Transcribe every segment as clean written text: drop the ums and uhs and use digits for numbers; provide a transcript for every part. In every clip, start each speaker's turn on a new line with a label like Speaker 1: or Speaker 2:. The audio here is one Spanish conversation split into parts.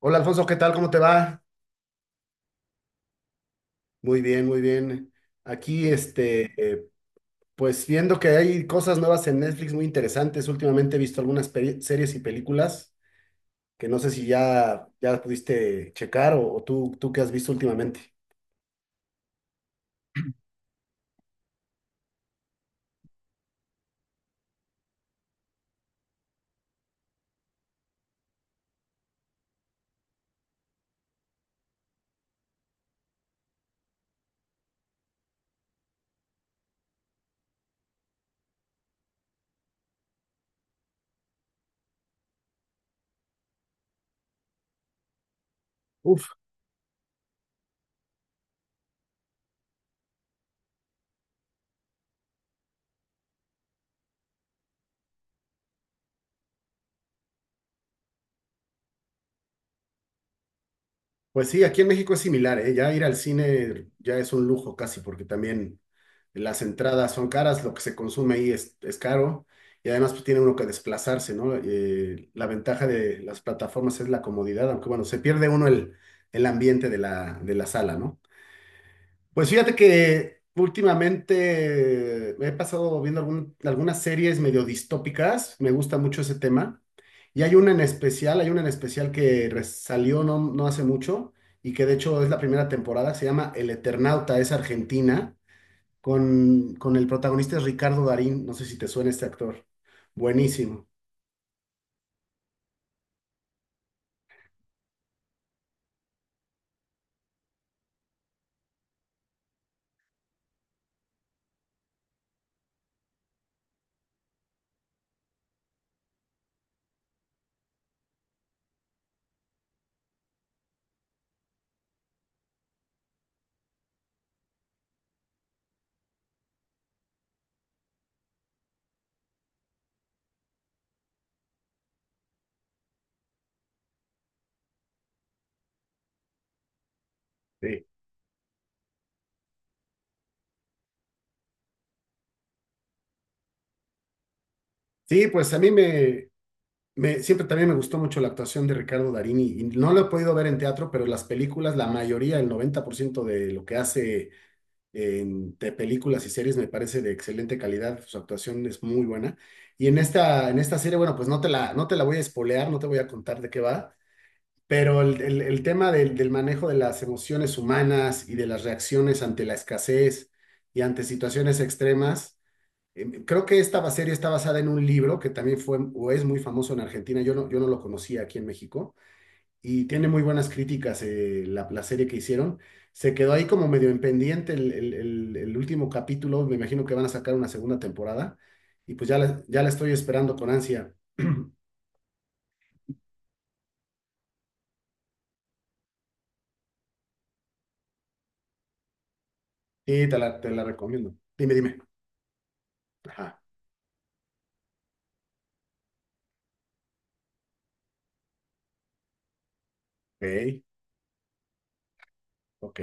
Speaker 1: Hola Alfonso, ¿qué tal? ¿Cómo te va? Muy bien, muy bien. Aquí, este, pues viendo que hay cosas nuevas en Netflix muy interesantes. Últimamente he visto series y películas que no sé si ya pudiste checar o tú qué has visto últimamente. Pues sí, aquí en México es similar, ¿eh? Ya ir al cine ya es un lujo casi, porque también las entradas son caras, lo que se consume ahí es caro y además pues, tiene uno que desplazarse, ¿no? La ventaja de las plataformas es la comodidad, aunque bueno, se pierde uno el ambiente de la sala, ¿no? Pues fíjate que últimamente me he pasado viendo algunas series medio distópicas, me gusta mucho ese tema, y hay una en especial, hay una en especial que salió no hace mucho y que de hecho es la primera temporada, se llama El Eternauta, es argentina, con el protagonista es Ricardo Darín, no sé si te suena este actor, buenísimo. Sí, sí, pues a mí me, siempre también me gustó mucho la actuación de Ricardo Darín y no lo he podido ver en teatro, pero las películas, la mayoría, el 90% de lo que hace en de películas y series me parece de excelente calidad. Su actuación es muy buena. Y en esta serie, bueno, pues no te la voy a espolear, no te voy a contar de qué va, pero el tema del manejo de las emociones humanas y de las reacciones ante la escasez y ante situaciones extremas. Creo que esta serie está basada en un libro que también fue o es muy famoso en Argentina. Yo no lo conocía aquí en México y tiene muy buenas críticas la serie que hicieron. Se quedó ahí como medio en pendiente el último capítulo. Me imagino que van a sacar una segunda temporada y pues ya la estoy esperando con ansia. Sí, te la recomiendo. Dime, dime. Ajá. Ok, ok.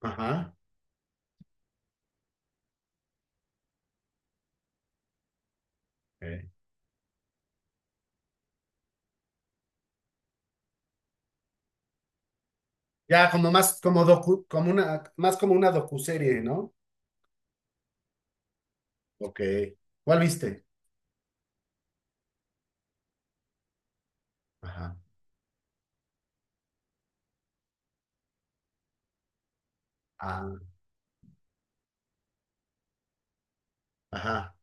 Speaker 1: Ajá. Ok. Ya como más como docu, como una, más como una docuserie, ¿no? Ok. ¿Cuál viste? Ajá. Ah, ajá,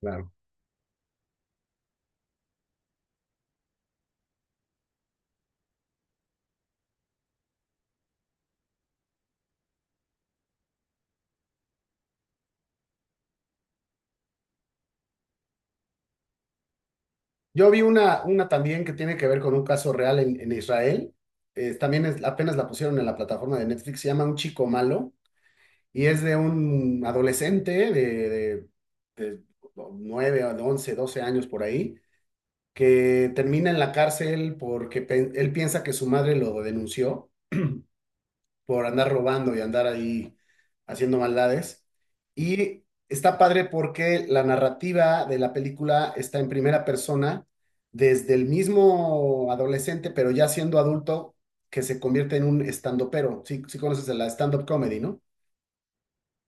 Speaker 1: claro. Yo vi una también que tiene que ver con un caso real en, Israel. También apenas la pusieron en la plataforma de Netflix. Se llama Un chico malo y es de un adolescente de 9, o de 11, 12 años por ahí, que termina en la cárcel porque él piensa que su madre lo denunció por andar robando y andar ahí haciendo maldades. Y está padre porque la narrativa de la película está en primera persona desde el mismo adolescente, pero ya siendo adulto, que se convierte en un estandopero. Sí, sí conoces de la stand-up comedy, ¿no?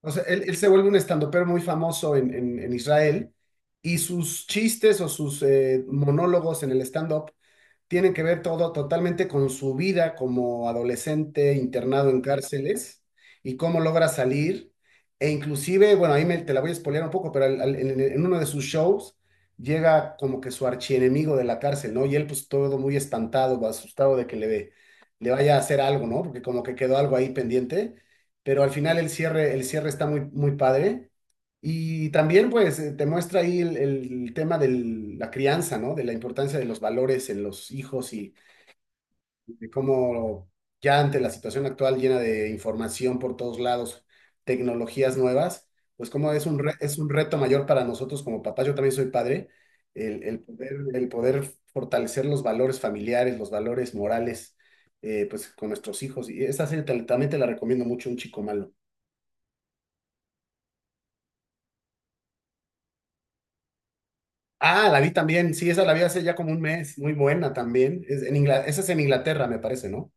Speaker 1: O sea, él se vuelve un estandopero muy famoso en, en Israel y sus chistes o sus monólogos en el stand-up tienen que ver todo totalmente con su vida como adolescente internado en cárceles y cómo logra salir. E inclusive, bueno, ahí me, te la voy a spoilear un poco, pero en uno de sus shows llega como que su archienemigo de la cárcel, ¿no? Y él pues todo muy espantado, asustado de que le vaya a hacer algo, ¿no? Porque como que quedó algo ahí pendiente, pero al final el cierre está muy, muy padre. Y también, pues, te muestra ahí el tema de la crianza, ¿no? De la importancia de los valores en los hijos y de cómo ya ante la situación actual llena de información por todos lados, tecnologías nuevas, pues cómo es es un reto mayor para nosotros como papás, yo también soy padre, el poder fortalecer los valores familiares, los valores morales, pues, con nuestros hijos. Y esa serie también te la recomiendo mucho, Un Chico Malo. Ah, la vi también, sí, esa la vi hace ya como un mes, muy buena también. Es en esa es en Inglaterra, me parece, ¿no?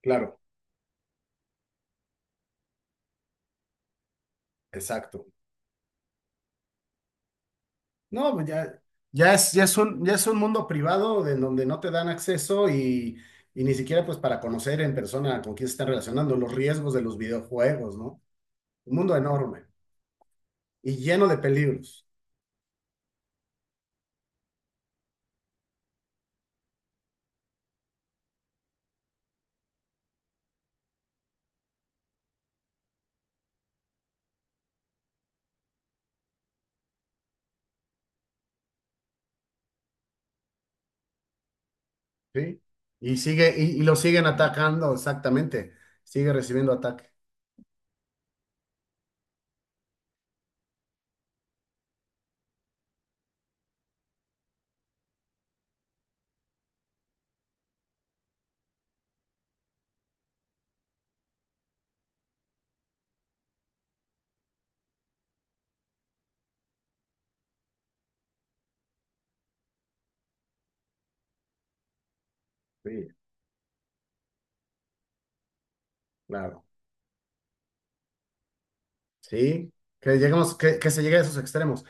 Speaker 1: Claro, exacto. No, pues ya, ya es un mundo privado de en donde no te dan acceso y, ni siquiera pues para conocer en persona con quién se están relacionando, los riesgos de los videojuegos, ¿no? Un mundo enorme y lleno de peligros, ¿sí? Y sigue, y lo siguen atacando, exactamente. Sigue recibiendo ataque. Sí, claro. Sí, que se llegue a esos extremos.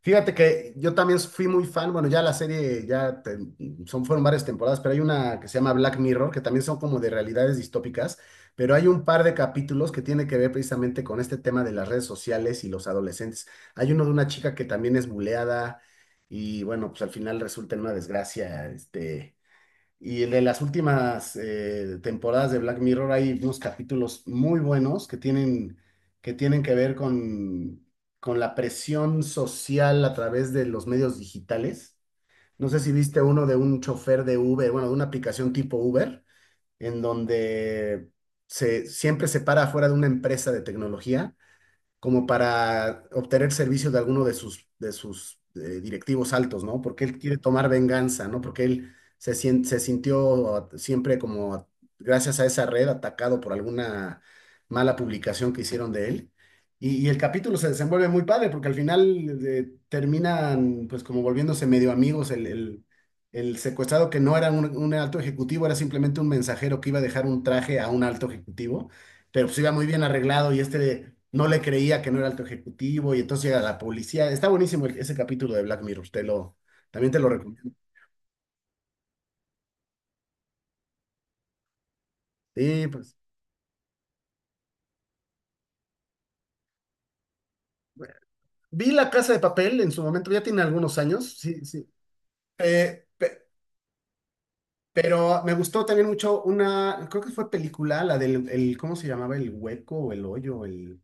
Speaker 1: Fíjate que yo también fui muy fan, bueno, ya la serie, son, fueron varias temporadas, pero hay una que se llama Black Mirror, que también son como de realidades distópicas, pero hay un par de capítulos que tiene que ver precisamente con este tema de las redes sociales y los adolescentes. Hay uno de una chica que también es buleada y bueno, pues al final resulta en una desgracia. Este... Y el de las últimas temporadas de Black Mirror hay unos capítulos muy buenos que tienen que ver con la presión social a través de los medios digitales. No sé si viste uno de un chofer de Uber, bueno, de una aplicación tipo Uber, en donde siempre se para afuera de una empresa de tecnología como para obtener servicio de alguno de sus directivos altos, ¿no? Porque él quiere tomar venganza, ¿no? Porque él se sintió siempre como, gracias a esa red, atacado por alguna mala publicación que hicieron de él. Y el capítulo se desenvuelve muy padre, porque al final terminan, pues, como volviéndose medio amigos. El secuestrado, que no era un alto ejecutivo, era simplemente un mensajero que iba a dejar un traje a un alto ejecutivo pero pues iba muy bien arreglado y este no le creía que no era alto ejecutivo y entonces llega la policía. Está buenísimo ese capítulo de Black Mirror, también te lo recomiendo. Sí, pues. Vi La Casa de Papel en su momento, ya tiene algunos años, sí, sí. Eh, pe- pero me gustó también mucho una, creo que fue película, la del, el, ¿cómo se llamaba? El hueco o el hoyo, el.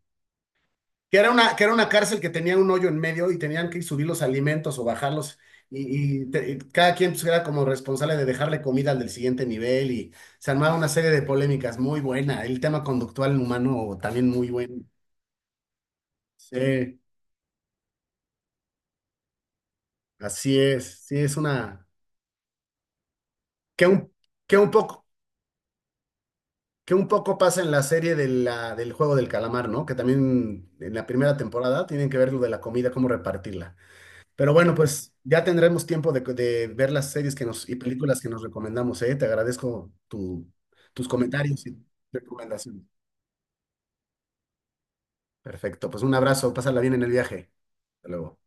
Speaker 1: Que era una cárcel que tenía un hoyo en medio y tenían que subir los alimentos o bajarlos. Y cada quien pues, era como responsable de dejarle comida al del siguiente nivel y se armaba una serie de polémicas muy buena. El tema conductual humano también muy bueno. Sí, así es. Sí, es una. Que un, que un poco, que un poco pasa en la serie del juego del calamar, ¿no? Que también en la primera temporada tienen que ver lo de la comida, cómo repartirla. Pero bueno, pues ya tendremos tiempo de ver las series y películas que nos recomendamos, ¿eh? Te agradezco tus comentarios y recomendaciones. Perfecto, pues un abrazo, pásala bien en el viaje. Hasta luego.